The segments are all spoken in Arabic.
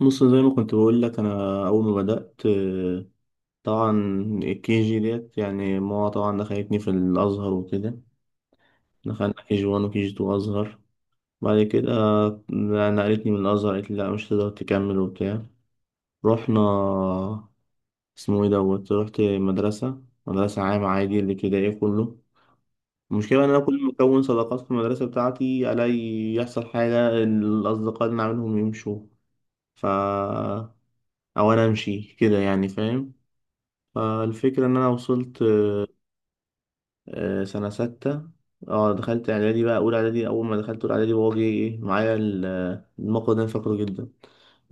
بص، زي ما كنت بقول لك انا اول ما بدات طبعا الكي جي ديت، يعني ماما طبعا دخلتني في الازهر وكده. دخلنا كي جي 1 وكي جي 2 ازهر. بعد كده نقلتني من الازهر، قالت لي لا مش هتقدر تكمل وبتاع. رحنا اسمه ايه دوت، رحت مدرسه مدرسه عامه، عادي اللي كده ايه كله. المشكله ان انا كل ما اكون صداقات في المدرسه بتاعتي الاقي يحصل حاجه، الاصدقاء اللي أنا عاملهم يمشوا، ف او انا امشي كده، يعني فاهم. فالفكرة إن أنا وصلت سنة ستة. اه دخلت إعدادي بقى، أولى إعدادي. أول ما دخلت أولى إعدادي بابا جه إيه معايا الموقف ده أنا فاكره جدا.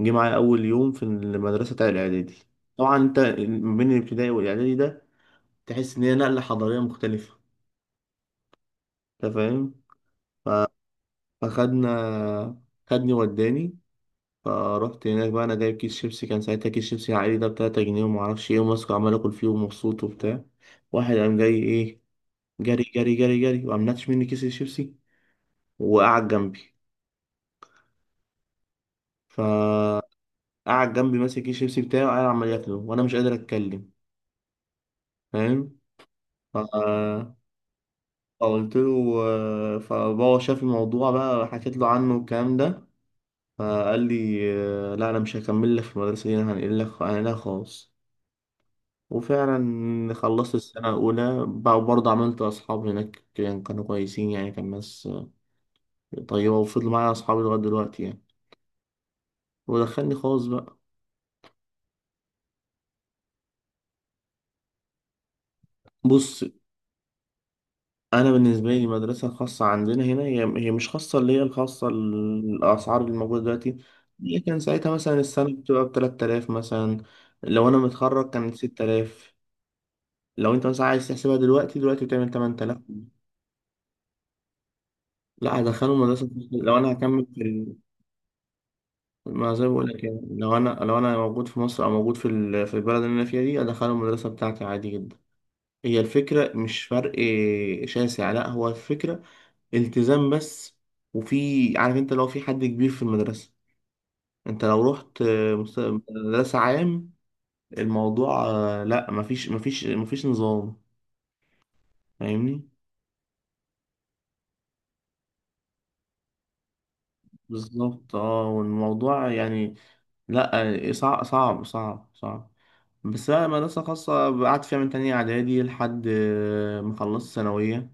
جه معايا أول يوم في المدرسة بتاع الإعدادي. طبعا أنت ما بين الابتدائي والإعدادي ده، تحس إن هي نقلة حضارية مختلفة، أنت فاهم. فخدنا خدني وداني. فروحت هناك بقى، أنا جايب كيس شيبسي، كان ساعتها كيس شيبسي عائلي ده بتلاتة جنيه، ومعرفش إيه، وماسكه عمال آكل فيه ومبسوط وبتاع. واحد قام جاي إيه، جري جري جري جري، وقام ناتش مني كيس الشيبسي وقعد جنبي. فقعد جنبي ماسك كيس الشيبسي بتاعي، وقاعد عمال ياكله وانا مش قادر اتكلم، فاهم. ف- فقلت له. فبابا شاف الموضوع بقى، حكيت له عنه والكلام ده. فقال لي لا انا مش هكمل لك في المدرسه دي، انا هنقل لك، هنقلها خالص. وفعلا خلصت السنه الاولى بقى، برضه عملت اصحاب هناك، كانوا كويسين يعني، كان ناس طيبه، وفضلوا معايا اصحابي لغايه دلوقتي يعني. ودخلني خالص بقى. بص، انا بالنسبه لي المدرسه الخاصه عندنا هنا، هي مش خاصه، اللي هي الخاصه الاسعار اللي موجوده دلوقتي. هي كان ساعتها مثلا السنه بتبقى ب 3000 مثلا. لو انا متخرج كان 6000. لو انت مثلا عايز تحسبها دلوقتي، بتعمل 8000. لا، هدخله مدرسه خاصة. لو انا هكمل في ما زي ما بقول لك، يعني لو انا موجود في مصر، او موجود في في البلد اللي انا فيها دي، ادخله المدرسه بتاعتي عادي جدا. هي الفكره مش فرق شاسع، لا هو الفكره التزام بس. وفي عارف انت لو في حد كبير في المدرسة، انت لو رحت مدرسة عام، الموضوع لا مفيش مفيش مفيش نظام، فاهمني. بالظبط، والموضوع يعني، لا صعب صعب صعب صعب، بس بقى مدرسة خاصة. قعدت فيها من تانية إعدادي لحد ما خلصت ثانوية.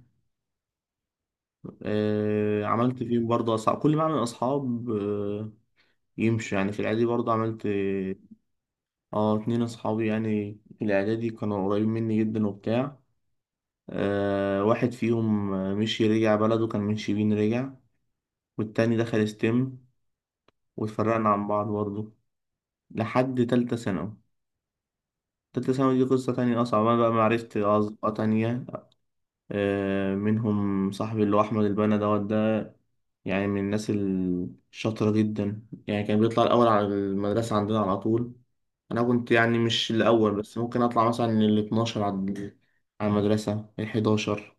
عملت فيه برضه أصحاب، كل ما أعمل أصحاب يمشوا يعني. في الإعدادي برضه عملت اه اتنين اصحابي، يعني في الاعدادي كانوا قريبين مني جدا وبتاع. واحد فيهم مشي رجع بلده، كان من شبين رجع. والتاني دخل ستيم، واتفرقنا عن بعض برضه لحد تالتة ثانوي. تالتة ثانوي دي قصة تانية أصعب، أنا بقى معرفت أصدقاء تانية، منهم صاحبي اللي هو أحمد البنا دوت، يعني من الناس الشاطرة جدا. يعني كان بيطلع الأول على المدرسة عندنا على طول. أنا كنت يعني مش الأول، بس ممكن أطلع مثلا ال 12 على المدرسة ال 11.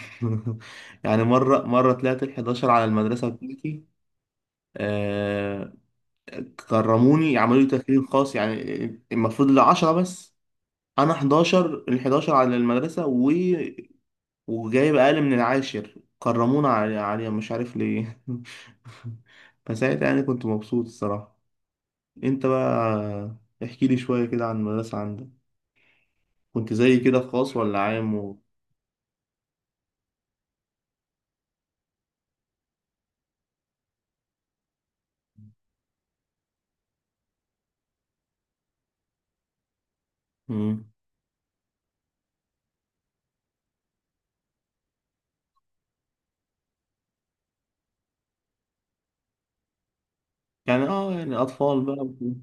يعني مرة مرة طلعت ال 11 على المدرسة بتاعتي. آه كرموني، عملوا لي تكريم خاص يعني، المفروض ال 10 بس أنا 11، ال 11 على المدرسة وجايب أقل من العاشر، كرمونا عليها، مش عارف ليه. فساعتها يعني كنت مبسوط الصراحة. انت بقى، احكي لي شوية كده عن المدرسة عندك، كنت زي كده في خاص ولا عام مم. يعني يعني أطفال بقى وكده.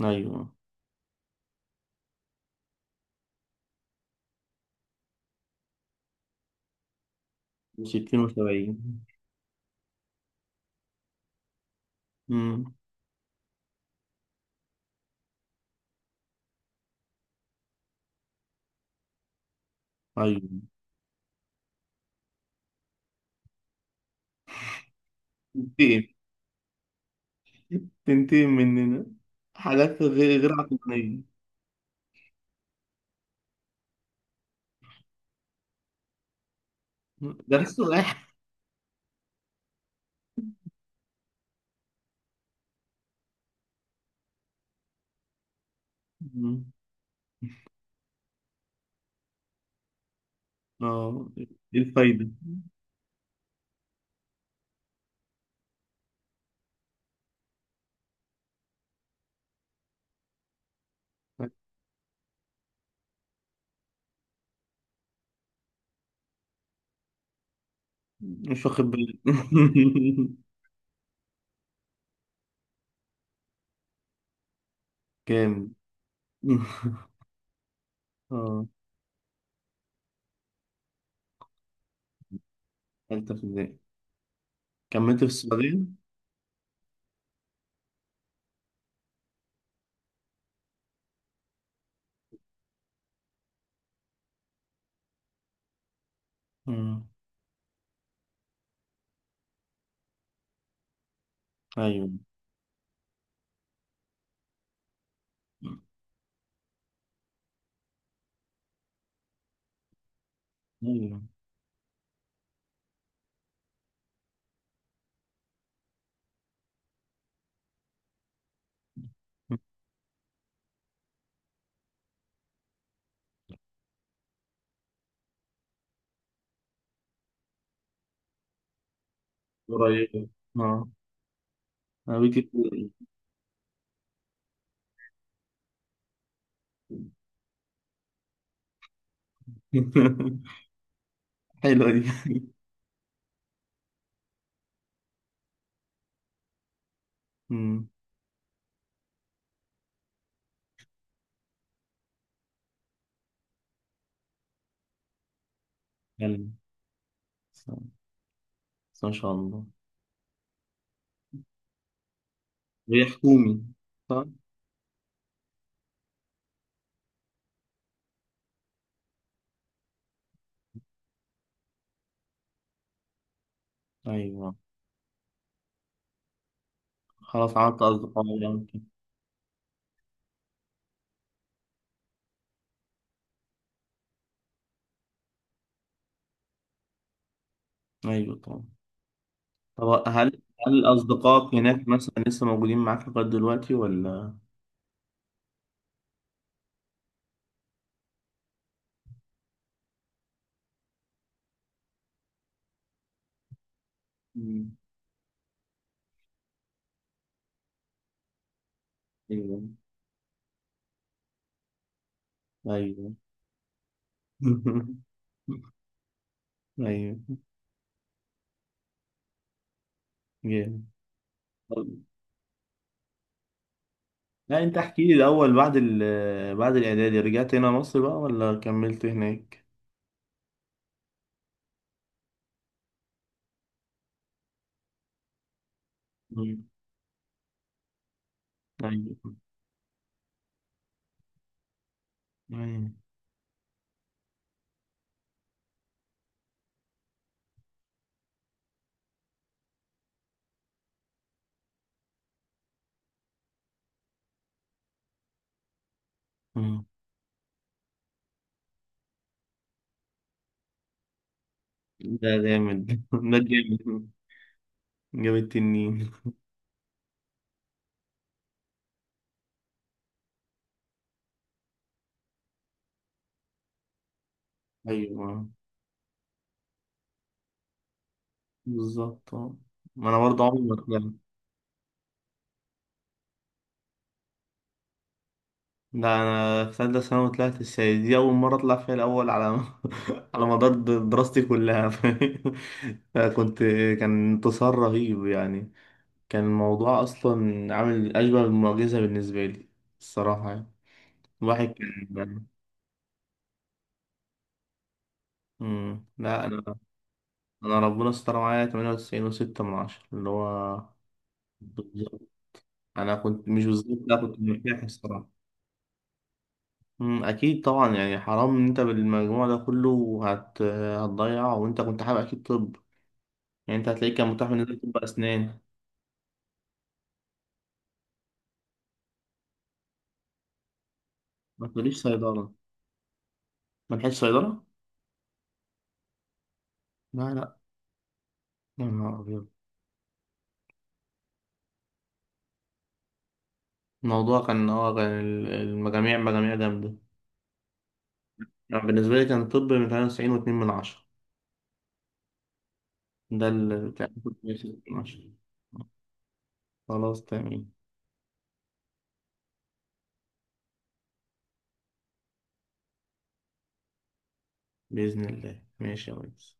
أيوه، 60 و70. مم. أيوه، تنتقم، تنتقم مننا حاجات غير عقلانية. درس واحد. مم. اه ايه الفايدة. مش واخد بالي. كام. اه، تالتة في ابتدائي، كملت في السعودية. مم. أيوة، أيوة، قريبة. اه، أنا بيتي في السعودية. حلوة دي. مم. حلوة. بس، بس ما شاء الله. هي حكومي صح؟ أيوة. خلاص عملت أصدقاء يعني كده. أيوة طبعا. طب هل أصدقائك هناك مثلا لسه موجودين معاك لغاية دلوقتي ولا؟ مم. أيوة، أيوة. أيوه، جامد. لا انت احكي لي الاول، بعد بعد الاعدادي رجعت هنا مصر بقى ولا كملت هناك؟ مم. أيوة. أيوة. مم. ده جامد. ده جامد، جاب التنين. ايوه بالظبط. آه. ما انا برضه عمري ما طلعت. لا انا في ثالثه ثانوي طلعت السيد دي اول مره اطلع فيها الاول على على مدار دراستي كلها. فكنت كان انتصار رهيب يعني، كان الموضوع اصلا عامل اشبه بمعجزه بالنسبه لي الصراحه يعني. الواحد كان. مم. لا انا ربنا ستر معايا 98 و6 من عشرة، اللي هو بالظبط. انا كنت مش بالظبط، لا كنت مرتاح الصراحه. مم. اكيد طبعا، يعني حرام ان انت بالمجموع ده كله هتضيع وانت كنت حابب اكيد طب، يعني انت هتلاقيك كان متاح بالنسبه لك طب اسنان. ما تقوليش صيدله، ما لحقتش صيدله، لا لا. يا نهار ابيض، الموضوع كان المجاميع مجاميع جامده، يعني بالنسبه لي كان طب من 98 و2 من عشرة، ده اللي كان 98 من عشرة. خلاص تمام. بإذن الله ماشي يا ريس.